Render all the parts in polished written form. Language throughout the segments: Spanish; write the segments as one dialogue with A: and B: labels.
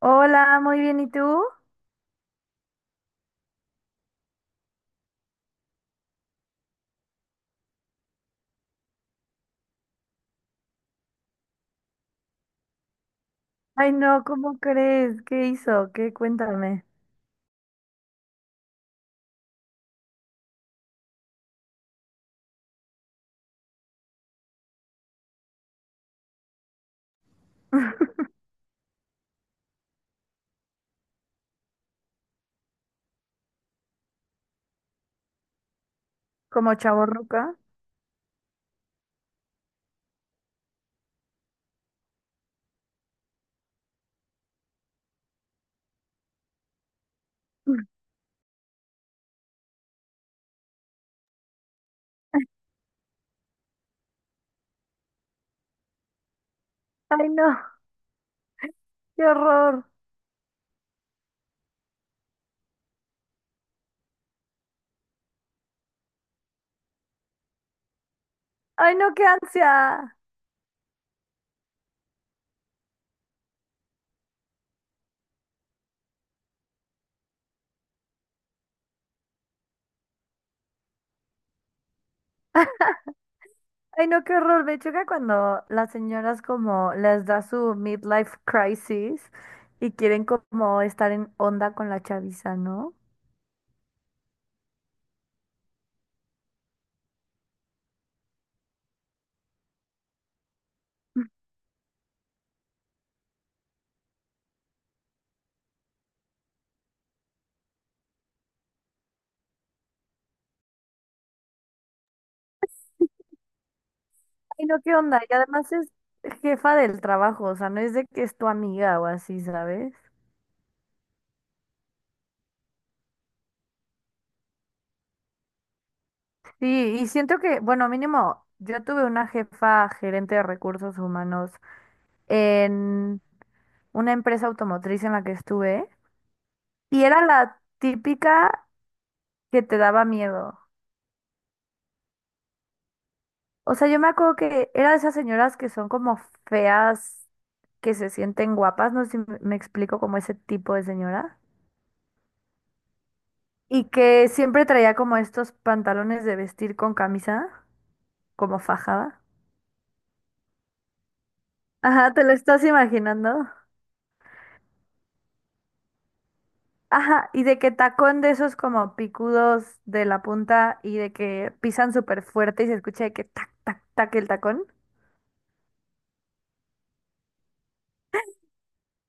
A: Hola, muy bien, ¿y tú? Ay, no, ¿cómo crees? ¿Qué hizo? ¿Qué? Cuéntame. ¿Como chavorruca? Ay, no, qué horror. Ay, no, qué ansia. Ay, no, qué horror. Me choca cuando las señoras como les da su midlife crisis y quieren como estar en onda con la chaviza, ¿no? Ay, no, qué onda. Y además es jefa del trabajo, o sea, no es de que es tu amiga o así, ¿sabes? Sí, y siento que, bueno, mínimo, yo tuve una jefa gerente de recursos humanos en una empresa automotriz en la que estuve y era la típica que te daba miedo. O sea, yo me acuerdo que era de esas señoras que son como feas, que se sienten guapas, no sé si me explico como ese tipo de señora, y que siempre traía como estos pantalones de vestir con camisa, como fajada. Ajá, ¿te lo estás imaginando? Ajá, y de que tacón de esos como picudos de la punta y de que pisan súper fuerte y se escucha de que tac, tac, tac el tacón.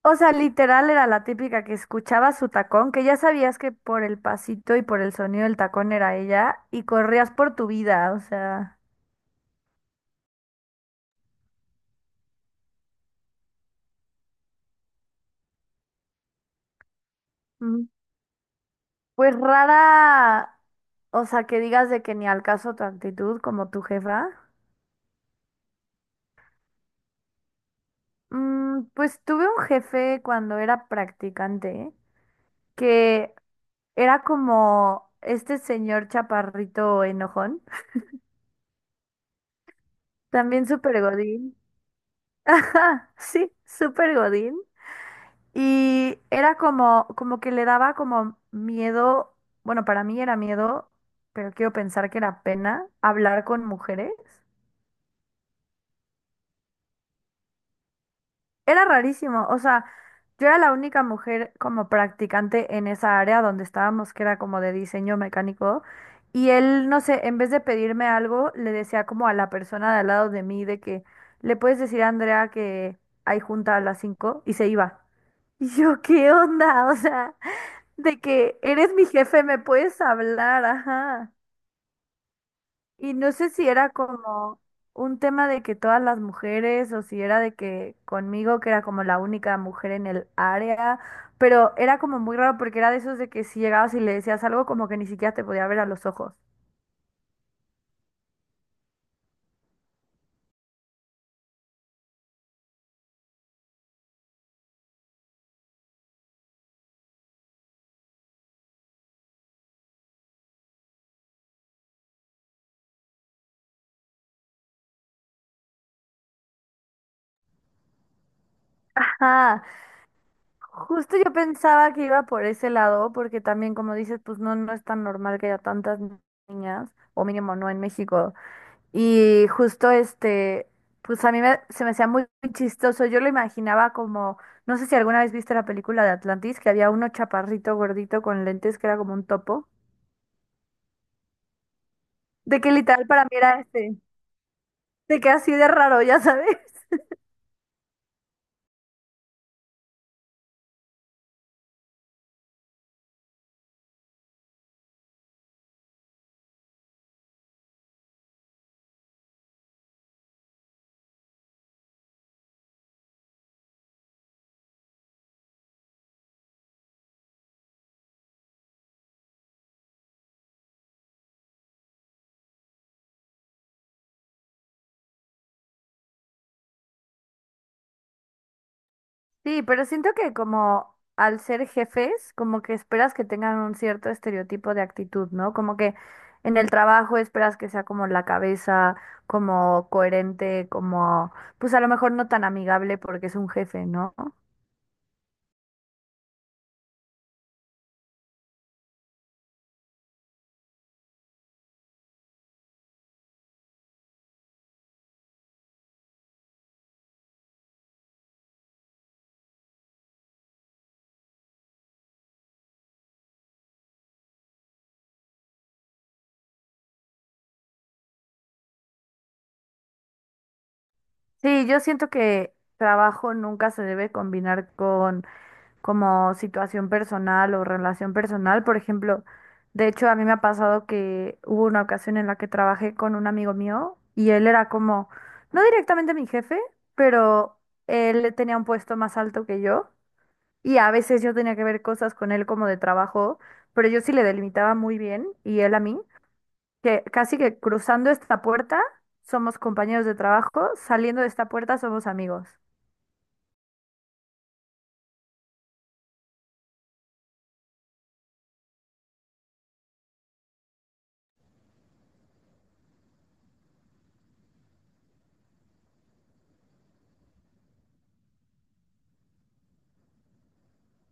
A: O sea, literal era la típica que escuchaba su tacón, que ya sabías que por el pasito y por el sonido del tacón era ella y corrías por tu vida, o sea, mm, pues rara, o sea, que digas de que ni al caso tu actitud como tu jefa. Pues tuve un jefe cuando era practicante que era como este señor chaparrito enojón, también súper godín. Ajá, sí, súper godín. Y era como, como que le daba como miedo, bueno, para mí era miedo, pero quiero pensar que era pena hablar con mujeres. Era rarísimo, o sea, yo era la única mujer como practicante en esa área donde estábamos, que era como de diseño mecánico, y él, no sé, en vez de pedirme algo, le decía como a la persona de al lado de mí de que, ¿le puedes decir a Andrea que hay junta a las 5? Y se iba. Y yo, ¿qué onda? O sea, de que eres mi jefe, me puedes hablar, ajá. Y no sé si era como un tema de que todas las mujeres o si era de que conmigo, que era como la única mujer en el área, pero era como muy raro porque era de esos de que si llegabas y le decías algo como que ni siquiera te podía ver a los ojos. Ah, justo yo pensaba que iba por ese lado porque también como dices, pues no, no es tan normal que haya tantas niñas, o mínimo no en México. Y justo este, pues a se me hacía muy chistoso. Yo lo imaginaba como, no sé si alguna vez viste la película de Atlantis, que había uno chaparrito gordito con lentes que era como un topo. De que literal para mí era este, de que así de raro, ya sabes. Sí, pero siento que como al ser jefes, como que esperas que tengan un cierto estereotipo de actitud, ¿no? Como que en el trabajo esperas que sea como la cabeza, como coherente, como, pues a lo mejor no tan amigable porque es un jefe, ¿no? Sí, yo siento que trabajo nunca se debe combinar con como situación personal o relación personal. Por ejemplo, de hecho a mí me ha pasado que hubo una ocasión en la que trabajé con un amigo mío y él era como, no directamente mi jefe, pero él tenía un puesto más alto que yo y a veces yo tenía que ver cosas con él como de trabajo, pero yo sí le delimitaba muy bien y él a mí que casi que cruzando esta puerta somos compañeros de trabajo, saliendo de esta puerta somos amigos.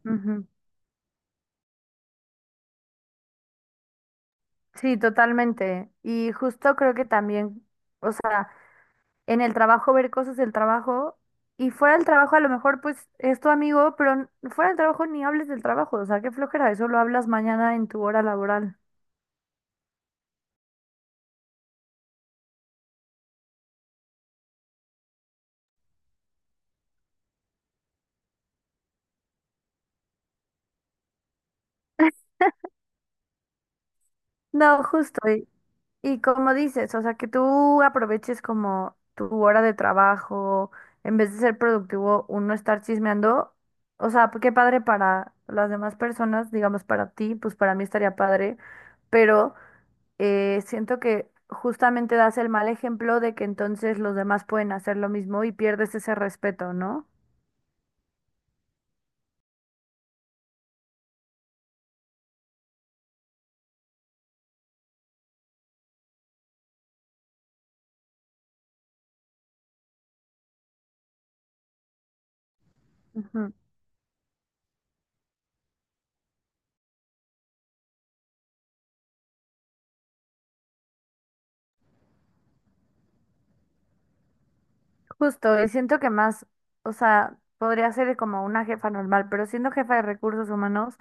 A: Ujú. Sí, totalmente. Y justo creo que también, o sea, en el trabajo ver cosas del trabajo y fuera del trabajo a lo mejor pues es tu amigo, pero fuera del trabajo ni hables del trabajo, o sea, qué flojera, eso lo hablas mañana en tu hora laboral. No, justo. Y como dices, o sea, que tú aproveches como tu hora de trabajo, en vez de ser productivo, uno estar chismeando, o sea, pues qué padre para las demás personas, digamos para ti, pues para mí estaría padre, pero siento que justamente das el mal ejemplo de que entonces los demás pueden hacer lo mismo y pierdes ese respeto, ¿no? Justo, y siento que más, o sea, podría ser como una jefa normal, pero siendo jefa de recursos humanos,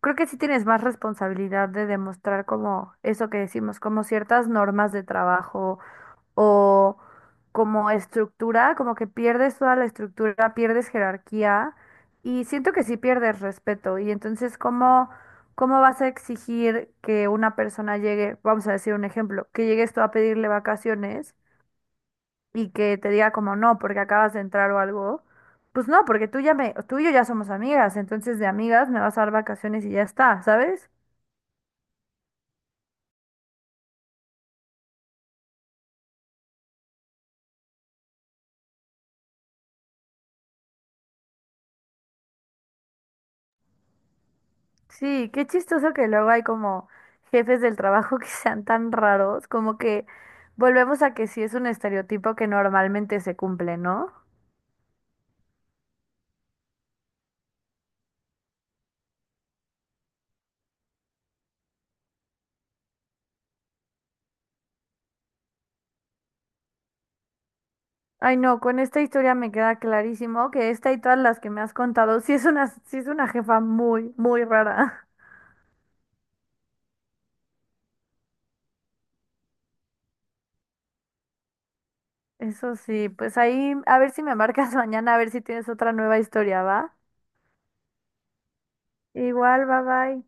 A: creo que sí tienes más responsabilidad de demostrar como eso que decimos, como ciertas normas de trabajo o como estructura, como que pierdes toda la estructura, pierdes jerarquía y siento que sí pierdes respeto. Y entonces, ¿cómo vas a exigir que una persona llegue, vamos a decir un ejemplo, que llegues tú a pedirle vacaciones? Y que te diga como no, porque acabas de entrar o algo, pues no, porque tú y yo ya somos amigas, entonces de amigas me vas a dar vacaciones y ya está, ¿sabes? Sí, qué chistoso que luego hay como jefes del trabajo que sean tan raros, como que volvemos a que sí es un estereotipo que normalmente se cumple, ¿no? Ay, no, con esta historia me queda clarísimo que esta y todas las que me has contado, sí es una jefa muy, muy rara. Eso sí, pues ahí a ver si me marcas mañana, a ver si tienes otra nueva historia, ¿va? Igual, bye bye.